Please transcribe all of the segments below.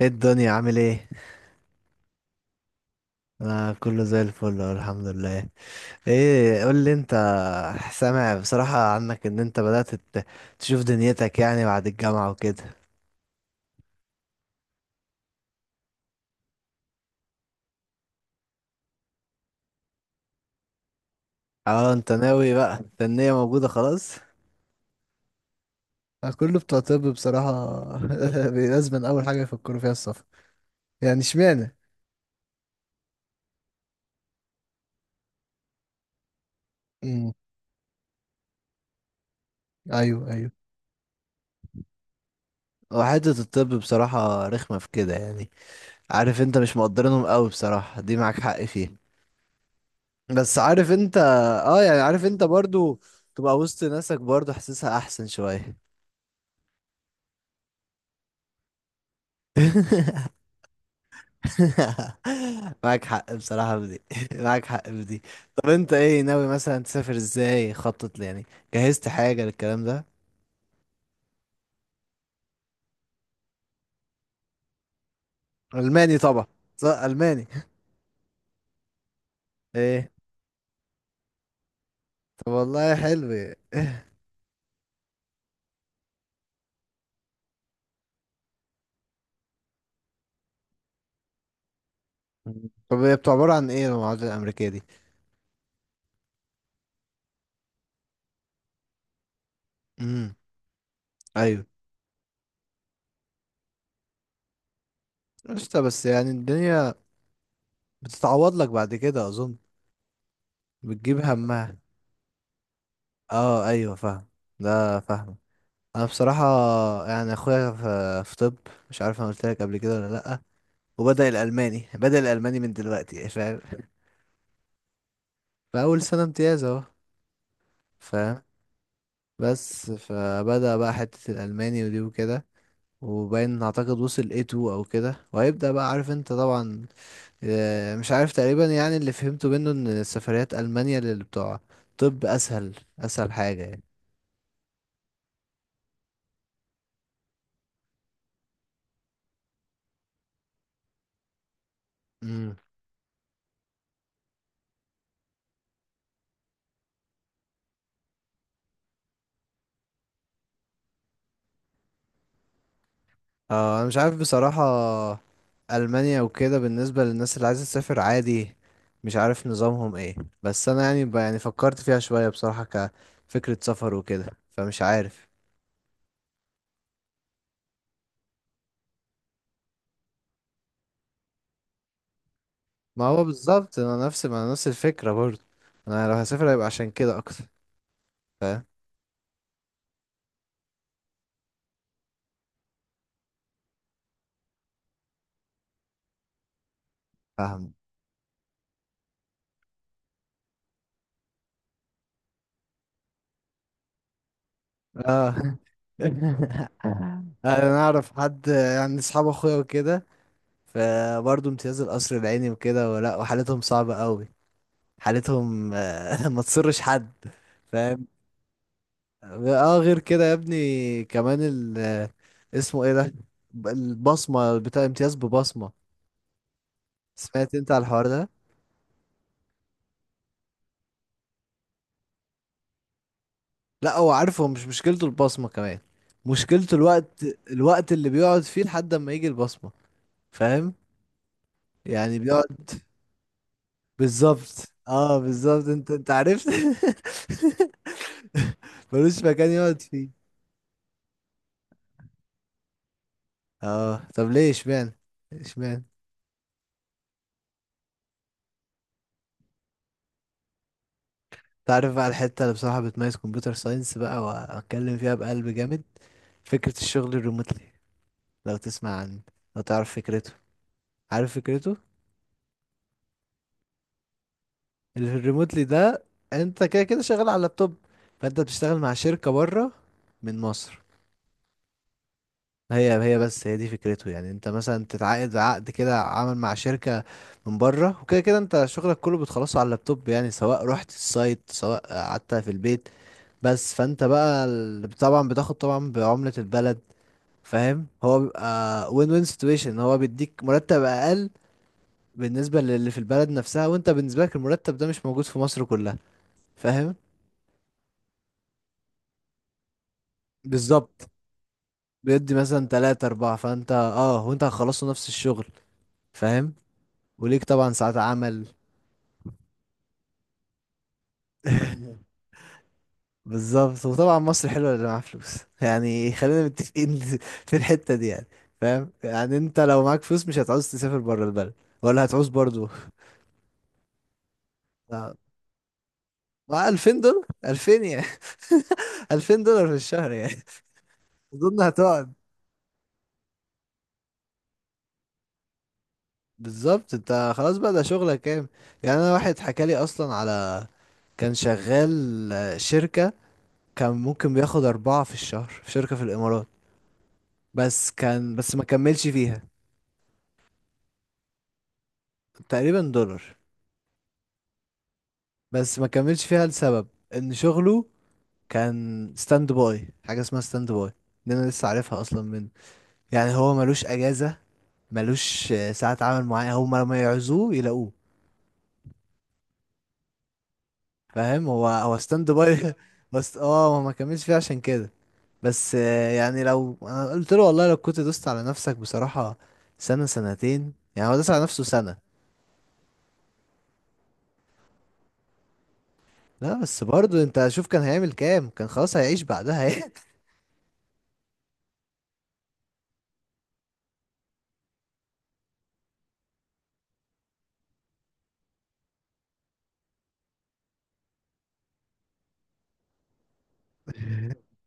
ايه الدنيا عامل ايه؟ انا كله زي الفل أهو، الحمد لله. ايه قول لي انت. سامع بصراحة عنك ان انت تشوف دنيتك يعني بعد الجامعة وكده. اه انت ناوي بقى، انت النية موجودة خلاص. كله بتوع طب بصراحة. لازم أول حاجة يفكروا فيها السفر. يعني اشمعنى؟ مم. أيوه أيوه. وحتة الطب بصراحة رخمة في كده يعني. عارف انت مش مقدرينهم قوي بصراحة، دي معاك حق فيها. بس عارف انت، اه يعني عارف انت برضو تبقى وسط ناسك برضو حاسسها احسن شوية. معاك حق بصراحة في دي. معاك حق في دي. طب انت ايه ناوي مثلا تسافر ازاي؟ خطط لي يعني، جهزت حاجة للكلام ده؟ الماني طبعا. صح الماني. ايه. طب والله حلو. طب هي بتبقى عبارة عن ايه المعادلة الامريكية دي؟ امم. ايوه. قشطة، بس يعني الدنيا بتتعوض لك بعد كده اظن. بتجيب همها. اه ايوه فاهم. ده فاهم. انا بصراحه يعني اخويا في طب، مش عارف انا قلت لك قبل كده ولا لا. وبدا الالماني بدا الالماني من دلوقتي، فاهم؟ في اول سنه امتياز اهو. فاهم. بس فبدا بقى حته الالماني ودي وكده، وباين اعتقد وصل A2 او كده، وهيبدا بقى عارف انت طبعا. مش عارف، تقريبا يعني اللي فهمته منه ان سفريات المانيا للي بتوع طب اسهل، اسهل حاجه يعني. اه انا مش عارف بصراحة ألمانيا وكده بالنسبة للناس اللي عايزة تسافر عادي، مش عارف نظامهم ايه. بس انا يعني يعني فكرت فيها شوية بصراحة كفكرة سفر وكده، فمش عارف. ما هو بالظبط، انا نفس ما أنا نفس الفكرة برضه. انا لو هسافر هيبقى عشان كده اكتر. فاهم. فاهم. اه. انا اعرف حد يعني اصحاب اخويا وكده، فبرضه امتياز القصر العيني وكده ولا، وحالتهم صعبة قوي. حالتهم ما تصرش حد. اه غير كده يا ابني، كمان اسمه ايه ده، البصمة بتاع امتياز ببصمة. سمعت انت على الحوار ده؟ لا هو عارف، هو مش مشكلته البصمة كمان، مشكلته الوقت. الوقت اللي بيقعد فيه لحد ما يجي البصمة، فاهم؟ يعني بيقعد. بالظبط اه بالظبط، انت انت عرفت. ملوش مكان يقعد فيه. اه طب ليه؟ اشمعنى؟ اشمعنى؟ تعرف بقى الحتة اللي بصراحة بتميز كمبيوتر ساينس بقى، وأتكلم فيها بقلب جامد، فكرة الشغل الريموتلي. لو تسمع عن، لو تعرف فكرته. عارف فكرته. اللي في الريموتلي ده، أنت كده كده شغال على اللابتوب، فأنت بتشتغل مع شركة بره من مصر. هي بس هي دي فكرته، يعني انت مثلا تتعاقد عقد كده عمل مع شركة من بره، وكده كده انت شغلك كله بتخلصه على اللابتوب، يعني سواء رحت السايت سواء قعدت في البيت. بس فانت بقى طبعا بتاخد طبعا بعملة البلد. فاهم، هو بيبقى وين سيتويشن، هو بيديك مرتب اقل بالنسبه للي في البلد نفسها، وانت بالنسبه لك المرتب ده مش موجود في مصر كلها. فاهم. بالظبط. بيدي مثلا تلاتة أربعة، فانت اه وانت هتخلصوا نفس الشغل. فاهم. وليك طبعا ساعات عمل. بالظبط. وطبعا مصر حلوه اللي معاه فلوس، يعني خلينا متفقين في الحته دي يعني. فاهم، يعني انت لو معاك فلوس مش هتعوز تسافر بره البلد، ولا هتعوز برضو. مع $2000، 2000 يعني. $2000 في الشهر يعني. اظن هتقعد. بالظبط، انت خلاص بقى، ده شغلك كام. يعني انا واحد حكى لي اصلا على، كان شغال شركة، كان ممكن بياخد أربعة في الشهر في شركة في الإمارات، بس كان، بس ما كملش فيها. تقريبا دولار. بس ما كملش فيها لسبب إن شغله كان ستاند باي، حاجة اسمها ستاند باي دي أنا لسه عارفها أصلا منه. يعني هو ملوش أجازة، ملوش ساعة عمل معينة، هما لما يعوزوه يلاقوه. فاهم، هو ستاند باي. بس اه هو ما كملش فيه عشان كده. بس يعني لو انا قلت له والله لو كنت دوست على نفسك بصراحة سنة سنتين، يعني هو داس على نفسه سنة. لا بس برضه انت شوف كان هيعمل كام، كان خلاص هيعيش بعدها يعني.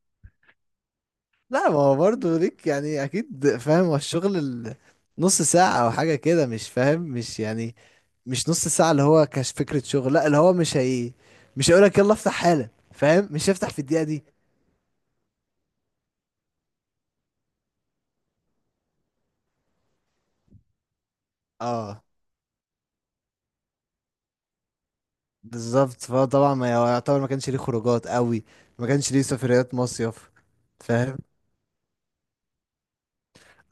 لا ما هو برضه ليك، يعني اكيد فاهم هو الشغل نص ساعة او حاجة كده، مش فاهم، مش يعني مش نص ساعة اللي هو كاش فكرة شغل، لا اللي هو مش هي، مش هيقولك يلا افتح حالا، فاهم، مش هيفتح في الدقيقة دي. اه بالظبط، فهو طبعا ما يعتبر ما كانش ليه خروجات قوي، ما كانش ليه سفريات مصيف، فاهم.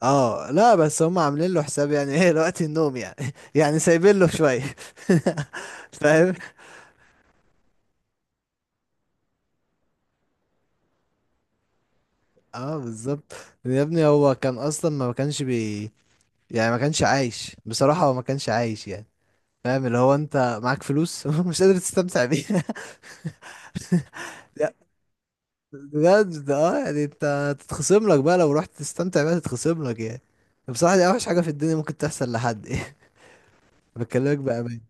اه لا بس هم عاملين له حساب يعني، ايه وقت النوم يعني، يعني سايبين له شوية. فاهم. اه بالظبط. يا ابني هو كان اصلا ما كانش بي، يعني ما كانش عايش بصراحة، هو ما كانش عايش يعني. فاهم، اللي هو انت معاك فلوس مش قادر تستمتع بيها. بجد اه، يعني انت تتخصم لك بقى لو رحت تستمتع بقى تتخصم لك يعني. بصراحة دي اوحش حاجة في الدنيا ممكن تحصل لحد يعني. بكلمك بأمان.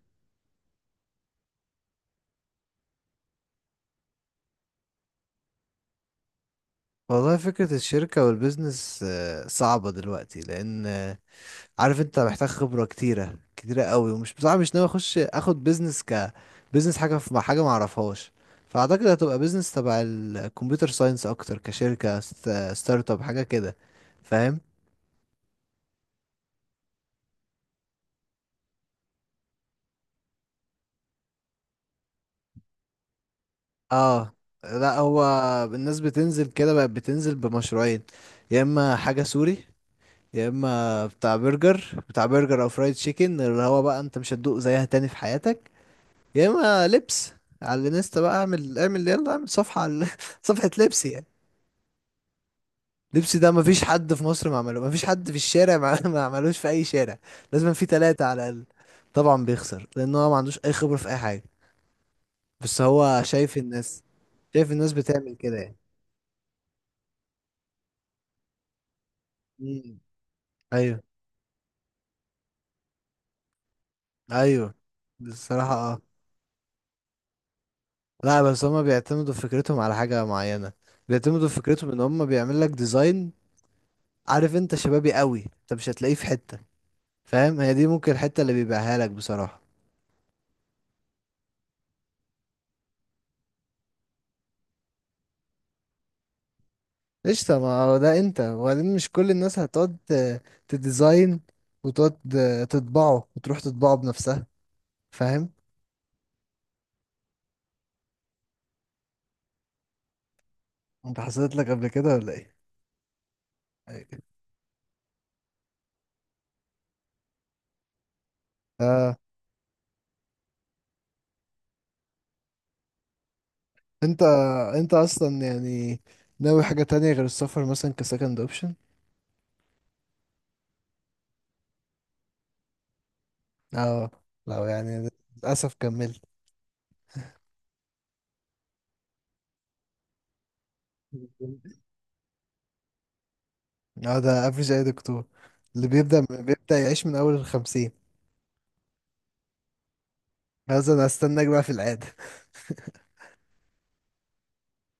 والله فكرة الشركة والبيزنس صعبة دلوقتي لأن، عارف انت محتاج خبرة كتيرة، كتيرة قوي، ومش بصراحة مش ناوي اخد بيزنس ك، بيزنس حاجة في مع حاجة معرفهاش. فأعتقد هتبقى بيزنس تبع الكمبيوتر ساينس أكتر، كشركة ستارت اب حاجة كده. فاهم. اه لا هو، الناس بتنزل كده بقت بتنزل بمشروعين، يا اما حاجة سوري، يا اما بتاع برجر او فرايد تشيكن اللي هو بقى انت مش هتدوق زيها تاني في حياتك، يا اما لبس. على الانستا بقى اعمل، اعمل يلا اعمل صفحة على صفحة لبس يعني. لبس ده مفيش حد في مصر ما عمله، مفيش حد في الشارع ما ما عملوش في اي شارع، لازم في تلاتة على الاقل. طبعا بيخسر لان هو ما عندوش اي خبرة في اي حاجة، بس هو شايف الناس، شايف الناس بتعمل كده يعني. مم. ايوه ايوه. الصراحة اه. لا بس هما بيعتمدوا في فكرتهم على حاجة معينة، بيعتمدوا في فكرتهم ان هما بيعمل لك ديزاين عارف انت شبابي قوي، انت مش هتلاقيه في حتة، فاهم، هي دي ممكن الحتة اللي بيبيعها لك بصراحة. قشطة، ما هو ده انت، وبعدين مش كل الناس هتقعد تديزاين وتقعد تطبعه، وتروح تطبعه بنفسها، فاهم. انت حصلت لك قبل كده ولا ايه؟ أيوة. آه. انت انت اصلا يعني ناوي حاجة تانية غير السفر مثلا كسكند اوبشن؟ اه لو يعني للأسف كملت. اه ده افريج اي دكتور، اللي بيبدأ، بيبدأ يعيش من اول الخمسين. هذا انا استناك بقى في العادة.